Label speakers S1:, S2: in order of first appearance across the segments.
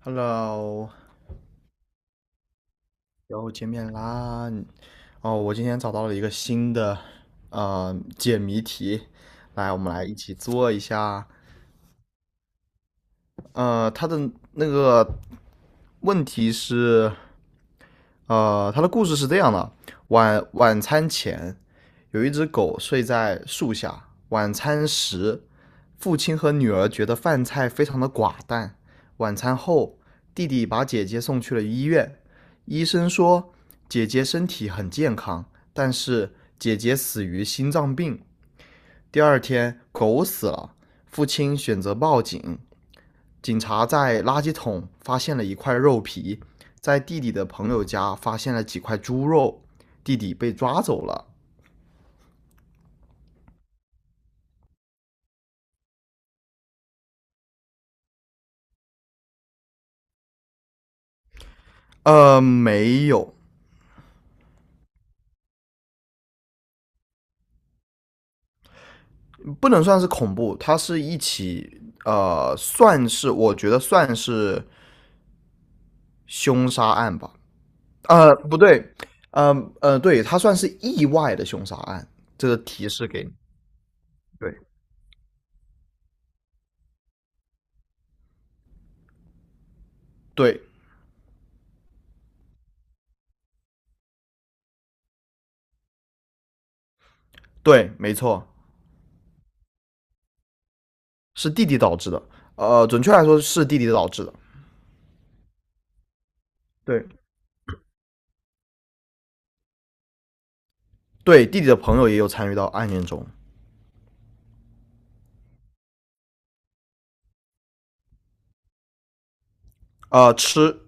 S1: Hello，又见面啦！哦，我今天找到了一个新的解谜题，来，我们来一起做一下。它的那个问题是，他的故事是这样的：晚餐前，有一只狗睡在树下。晚餐时，父亲和女儿觉得饭菜非常的寡淡。晚餐后，弟弟把姐姐送去了医院。医生说，姐姐身体很健康，但是姐姐死于心脏病。第二天，狗死了，父亲选择报警。警察在垃圾桶发现了一块肉皮，在弟弟的朋友家发现了几块猪肉，弟弟被抓走了。没有，不能算是恐怖，它是一起我觉得算是凶杀案吧。不对，呃对，它算是意外的凶杀案。这个提示给你，对对对，没错，是弟弟导致的。准确来说是弟弟导致的。对，对，弟弟的朋友也有参与到案件中。吃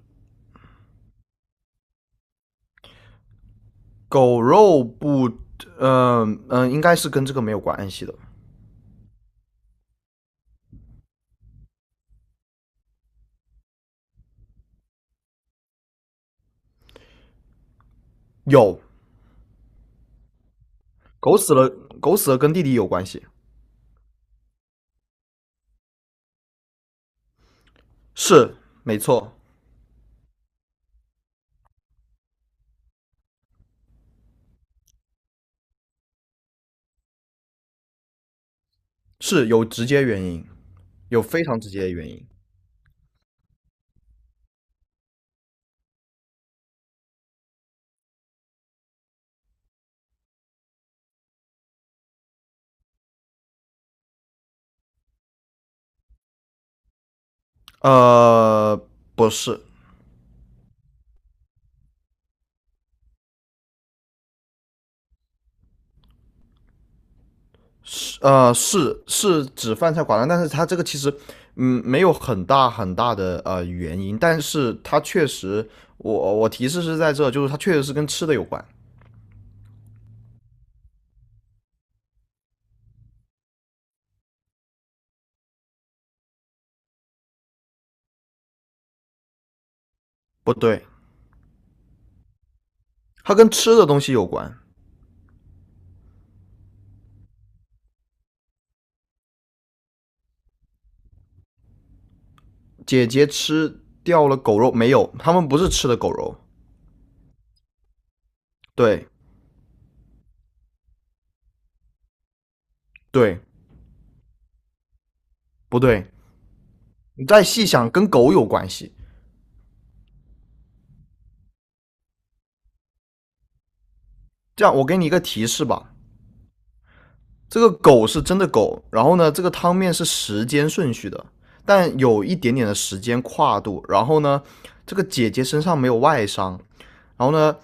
S1: 狗肉不，应该是跟这个没有关系的。有狗死了，狗死了,跟弟弟有关系，是没错，是有直接原因，有非常直接的原因。呃，不是，是指饭菜寡淡，但是他这个其实，嗯，没有很大很大的原因，但是他确实，我提示是在这，就是他确实是跟吃的有关。不对，它跟吃的东西有关。姐姐吃掉了狗肉没有？他们不是吃的狗肉，对对，不对？你再细想，跟狗有关系。这样，我给你一个提示吧，这个狗是真的狗，然后呢，这个汤面是时间顺序的，但有一点点的时间跨度。然后呢，这个姐姐身上没有外伤，然后呢，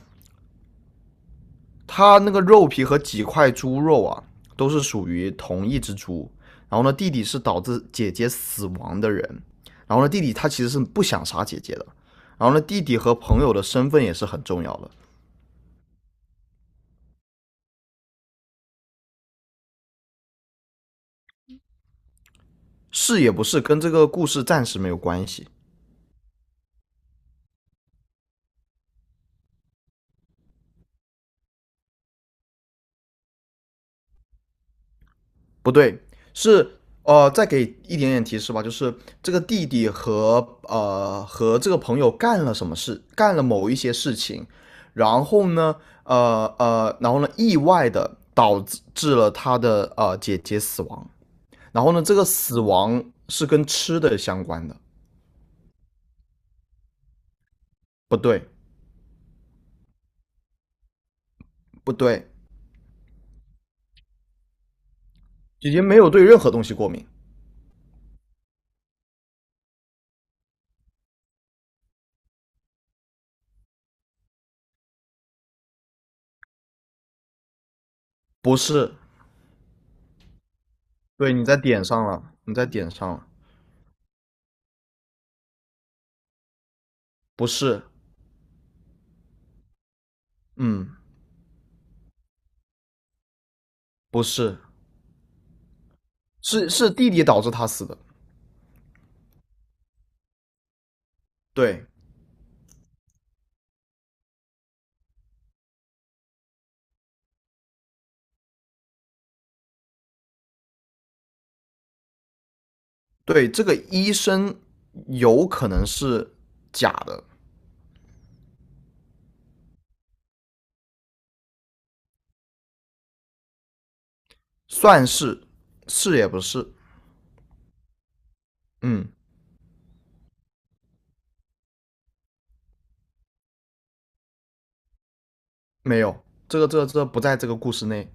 S1: 他那个肉皮和几块猪肉啊，都是属于同一只猪。然后呢，弟弟是导致姐姐死亡的人。然后呢，弟弟他其实是不想杀姐姐的。然后呢，弟弟和朋友的身份也是很重要的，是也不是跟这个故事暂时没有关系。不对，再给一点点提示吧，就是这个弟弟和这个朋友干了什么事，干了某一些事情，然后呢，意外的导致了他的姐姐死亡，然后呢，这个死亡是跟吃的相关的，不对，不对，姐姐没有对任何东西过敏，不是，对，你在点上了，你在点上了，不是，嗯，不是，是弟弟导致他死的。对对，这个医生有可能是假的，算是是也不是，嗯，没有，这个不在这个故事内，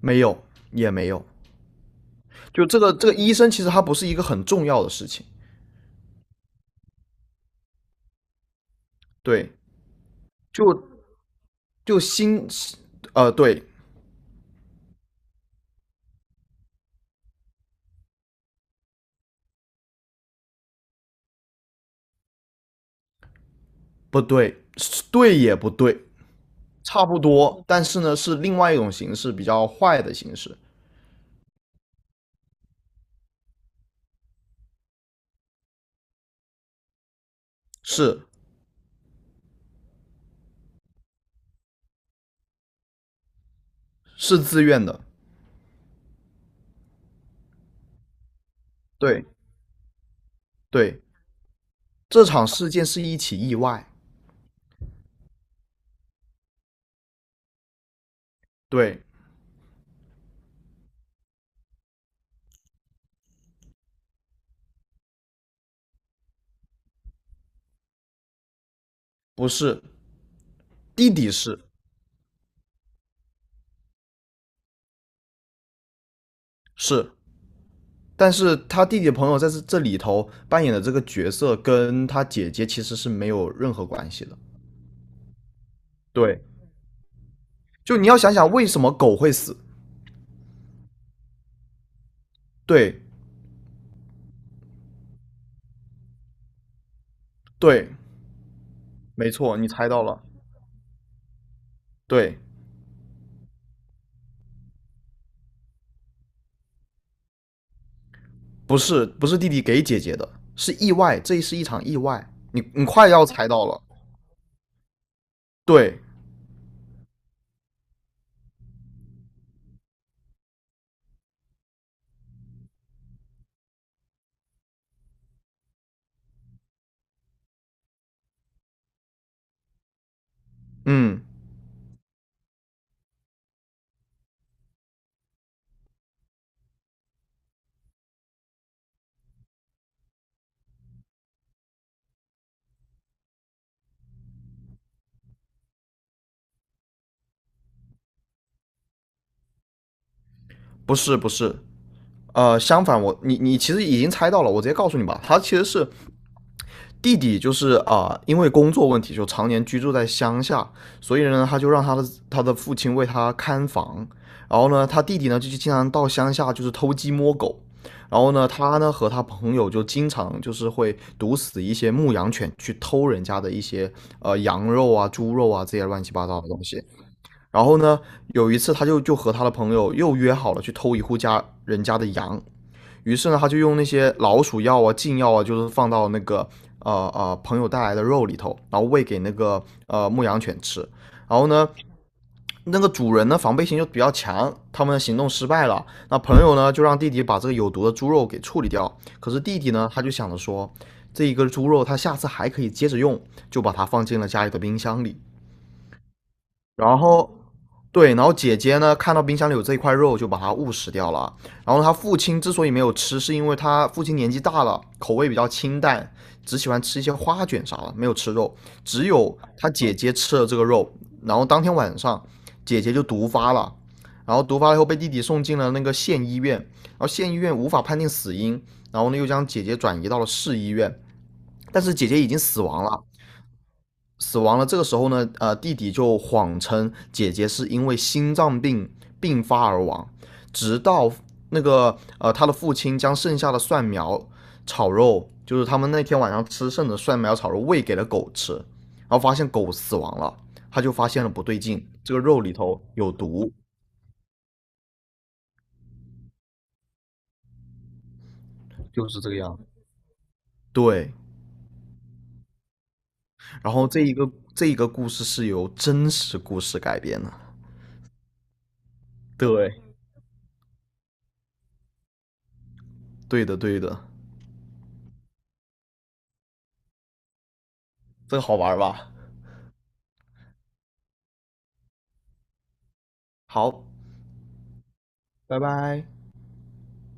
S1: 没有也没有，就这个医生其实他不是一个很重要的事情，对，就就心，呃，对，不对，对也不对，差不多，但是呢是另外一种形式，比较坏的形式，是是自愿的，对对，这场事件是一起意外。对，不是，弟弟是，但是他弟弟的朋友在这里头扮演的这个角色跟他姐姐其实是没有任何关系的。对，就你要想想为什么狗会死。对对，没错，你猜到了。对，不是不是弟弟给姐姐的，是意外，这是一场意外。你快要猜到了。对，嗯，不是不是，相反你其实已经猜到了，我直接告诉你吧，他其实是弟弟就是啊，因为工作问题就常年居住在乡下，所以呢，他就让他的父亲为他看房。然后呢，他弟弟呢就经常到乡下就是偷鸡摸狗。然后呢，他呢和他朋友就经常就是会毒死一些牧羊犬，去偷人家的一些羊肉啊、猪肉啊这些乱七八糟的东西。然后呢，有一次他就和他的朋友又约好了去偷一户家人家的羊，于是呢，他就用那些老鼠药啊、禁药啊，就是放到那个朋友带来的肉里头，然后喂给那个牧羊犬吃。然后呢，那个主人呢防备心就比较强，他们的行动失败了。那朋友呢就让弟弟把这个有毒的猪肉给处理掉。可是弟弟呢，他就想着说，这一个猪肉他下次还可以接着用，就把它放进了家里的冰箱里。然后，对，然后姐姐呢，看到冰箱里有这一块肉，就把它误食掉了。然后他父亲之所以没有吃，是因为他父亲年纪大了，口味比较清淡，只喜欢吃一些花卷啥的，没有吃肉。只有他姐姐吃了这个肉，然后当天晚上，姐姐就毒发了。然后毒发了以后，被弟弟送进了那个县医院，然后县医院无法判定死因，然后呢又将姐姐转移到了市医院，但是姐姐已经死亡了。死亡了。这个时候呢，弟弟就谎称姐姐是因为心脏病并发而亡，直到那个他的父亲将剩下的蒜苗炒肉，就是他们那天晚上吃剩的蒜苗炒肉喂给了狗吃，然后发现狗死亡了，他就发现了不对劲，这个肉里头有毒。就是这个样子。对，然后这一个故事是由真实故事改编的。对，对的，对的，这个好玩吧？好，拜拜。